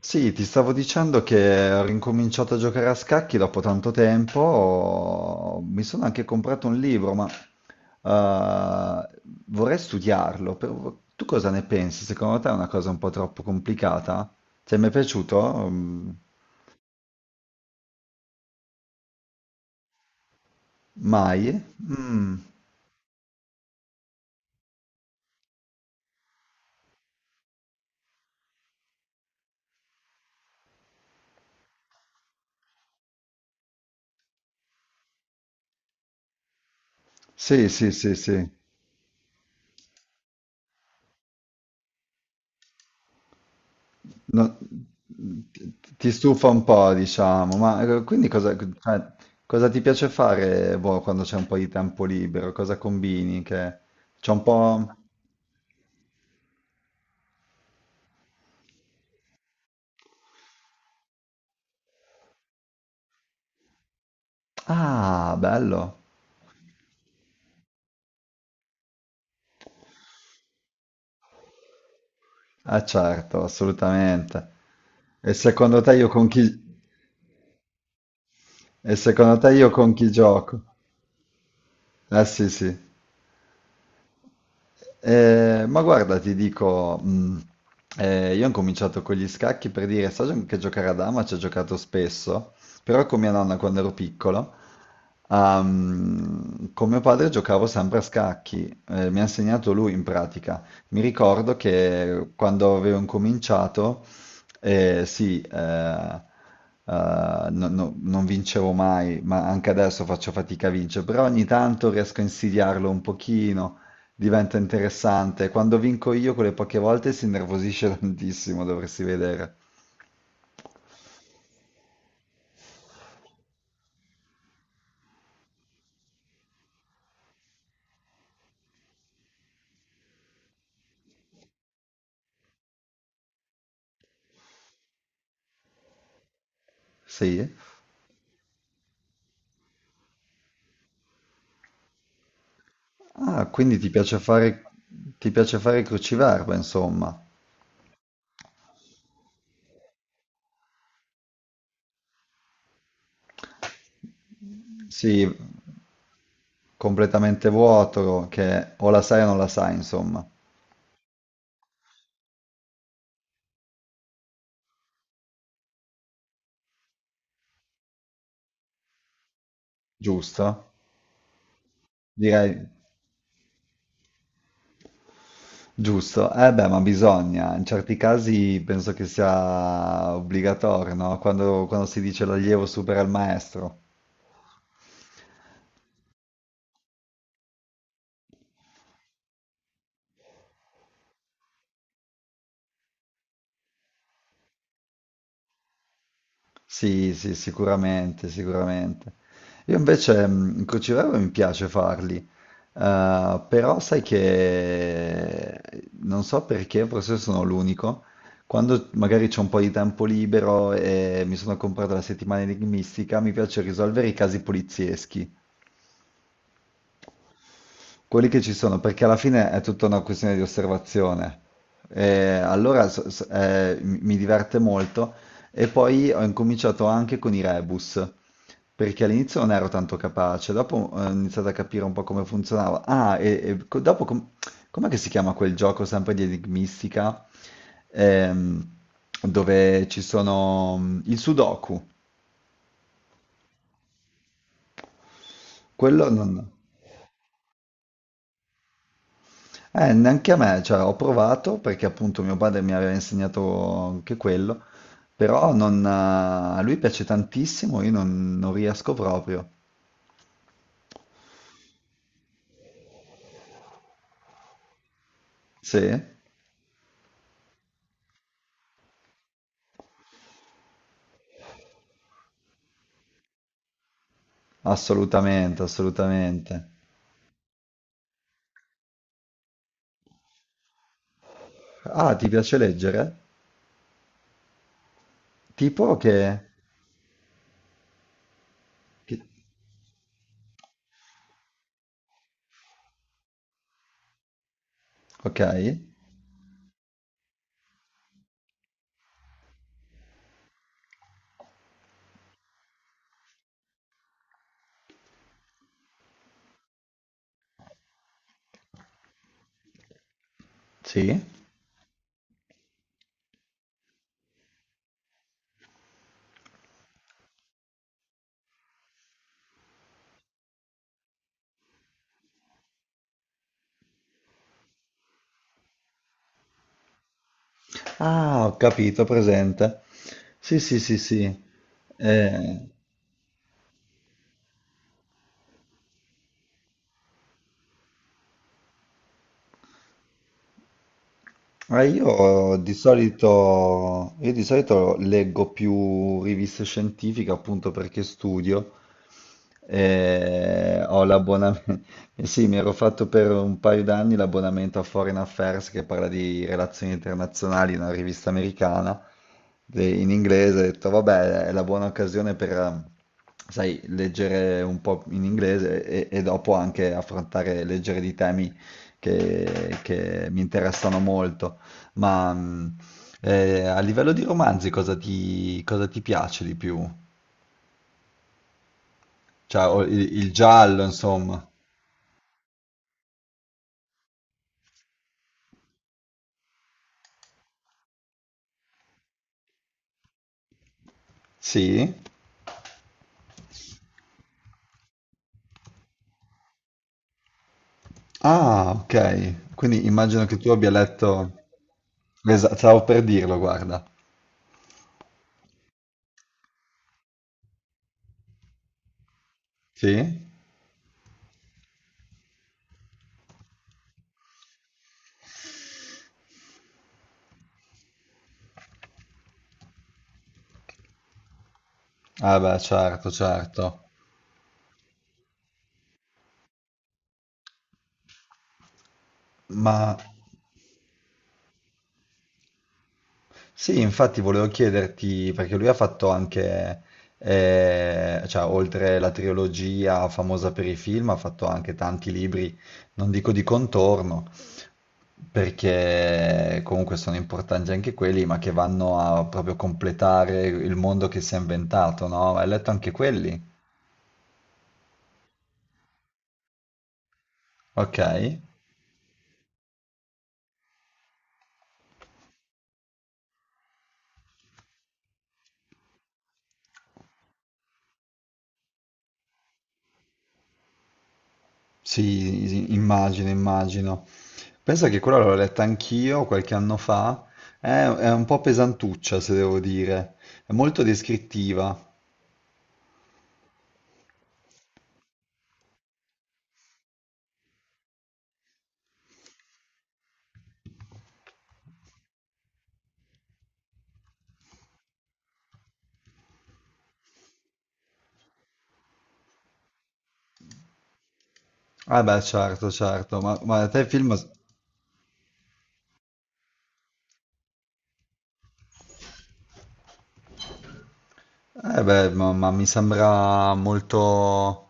Sì, ti stavo dicendo che ho ricominciato a giocare a scacchi dopo tanto tempo, mi sono anche comprato un libro, ma eh, vorrei studiarlo. Tu cosa ne pensi? Secondo te è una cosa un po' troppo complicata? Ti è mai piaciuto? Mai? Mm, Sì, sì, sì, sì. No, ti stufa un po', diciamo, ma quindi cosa, cioè, cosa ti piace fare, boh, quando c'è un po' di tempo libero? Cosa combini? Che c'è un po'... Ah, bello. Ah, certo, assolutamente. E secondo te io con chi... E secondo te io con chi gioco? Eh sì, sì. Ma guarda, ti dico, io ho cominciato con gli scacchi, per dire, so che giocare a dama ci ho giocato spesso, però con mia nonna quando ero piccolo, con mio padre giocavo sempre a scacchi, mi ha insegnato lui in pratica. Mi ricordo che quando avevo incominciato, eh, sì, eh, non vincevo mai, ma anche adesso faccio fatica a vincere, però ogni tanto riesco a insidiarlo un pochino, diventa interessante. Quando vinco io quelle poche volte si innervosisce tantissimo, dovresti vedere. Sì? Ah, quindi ti piace fare il cruciverba, insomma. Sì, completamente vuoto, che o la sai o non la sai, insomma. Giusto? Direi giusto. Eh beh, ma bisogna. In certi casi penso che sia obbligatorio, no? Quando, quando si dice l'allievo supera il maestro. Sì, sì, sicuramente, sicuramente. Io invece in crociera mi piace farli, però sai che non so perché, forse sono l'unico. Quando magari c'è un po' di tempo libero e mi sono comprato la Settimana Enigmistica, mi piace risolvere i casi polizieschi quelli che ci sono, perché alla fine è tutta una questione di osservazione. E allora mi diverte molto, e poi ho incominciato anche con i rebus, perché all'inizio non ero tanto capace, dopo ho iniziato a capire un po' come funzionava. Ah, e, e co- dopo com- com'è che si chiama quel gioco sempre di enigmistica? Ehm, dove ci sono, il Sudoku. Quello non... neanche a me, cioè ho provato perché appunto mio padre mi aveva insegnato anche quello, però non, a lui piace tantissimo, io non, non riesco proprio. Sì, assolutamente, assolutamente. Ah, ti piace leggere? Tipo che... che- Ok, sì. Ah, ho capito, presente. Sì, sì, sì, sì. Eh, eh, io di solito leggo più riviste scientifiche appunto perché studio. Ho l'abbonamento, eh sì, mi ero fatto per un paio d'anni l'abbonamento a Foreign Affairs, che parla di relazioni internazionali, una rivista americana in inglese. Ho detto, vabbè, è la buona occasione per, sai, leggere un po' in inglese e dopo anche affrontare, leggere di temi che mi interessano molto. Ma a livello di romanzi cosa ti piace di più? Cioè, o il giallo, insomma. Sì? Ah, ok. Quindi immagino che tu abbia letto... Esatto, stavo per dirlo, guarda. Sì? Ah beh, certo, certo. Ma sì, infatti volevo chiederti, perché lui ha fatto anche, cioè, oltre la trilogia famosa per i film, ha fatto anche tanti libri, non dico di contorno, perché comunque sono importanti anche quelli, ma che vanno a proprio completare il mondo che si è inventato, no? Hai letto anche quelli? Ok, sì, sì, immagino, immagino. Pensa che quella l'ho letta anch'io qualche anno fa. È un po' pesantuccia, se devo dire. È molto descrittiva. Ah beh, certo, certo, ma a te il film... Eh beh, ma mi sembra molto,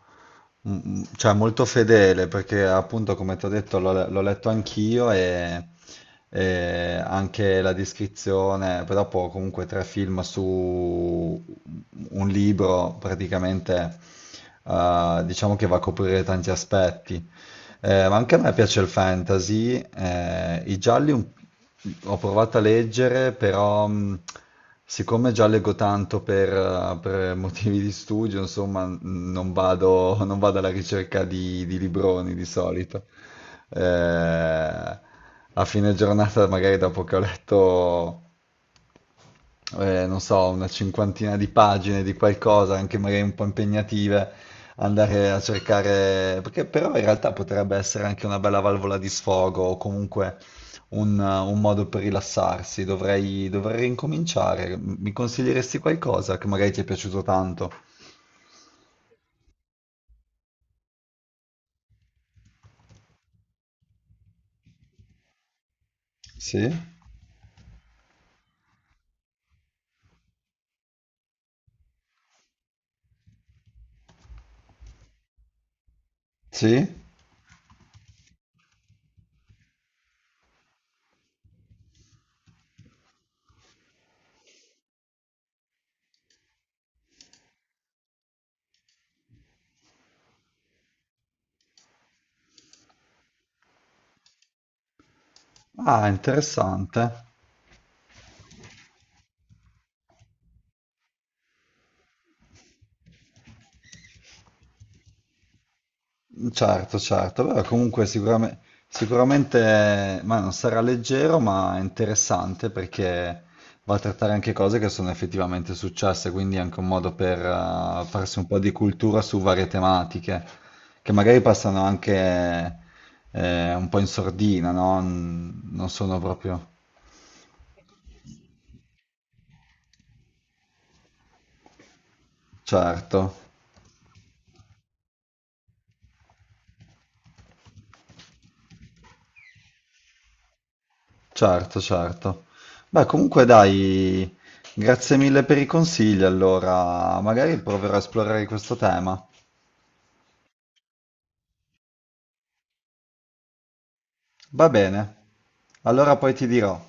mm, mm, cioè molto fedele, perché appunto come ti ho detto l'ho letto anch'io e anche la descrizione, però poi comunque tre film su un libro praticamente, diciamo che va a coprire tanti aspetti. Ma anche a me piace il fantasy, i gialli ho provato a leggere, però... siccome già leggo tanto per motivi di studio, insomma, non vado, non vado alla ricerca di libroni di solito. A fine giornata, magari dopo che ho letto non so, una 50ina di pagine di qualcosa, anche magari un po' impegnative, andare a cercare, perché però in realtà potrebbe essere anche una bella valvola di sfogo o comunque un modo per rilassarsi. Dovrei, dovrei ricominciare. Mi consiglieresti qualcosa che magari ti è piaciuto tanto? Sì? Sì? Ah, interessante. Certo, certo, però comunque sicuramente, ma non sarà leggero, ma è interessante perché va a trattare anche cose che sono effettivamente successe, quindi è anche un modo per, farsi un po' di cultura su varie tematiche, che magari passano anche un po' in sordina, no? Non sono proprio... Certo, certo, certo. Beh, comunque dai, grazie mille per i consigli, allora magari proverò a esplorare questo tema. Va bene, allora poi ti dirò.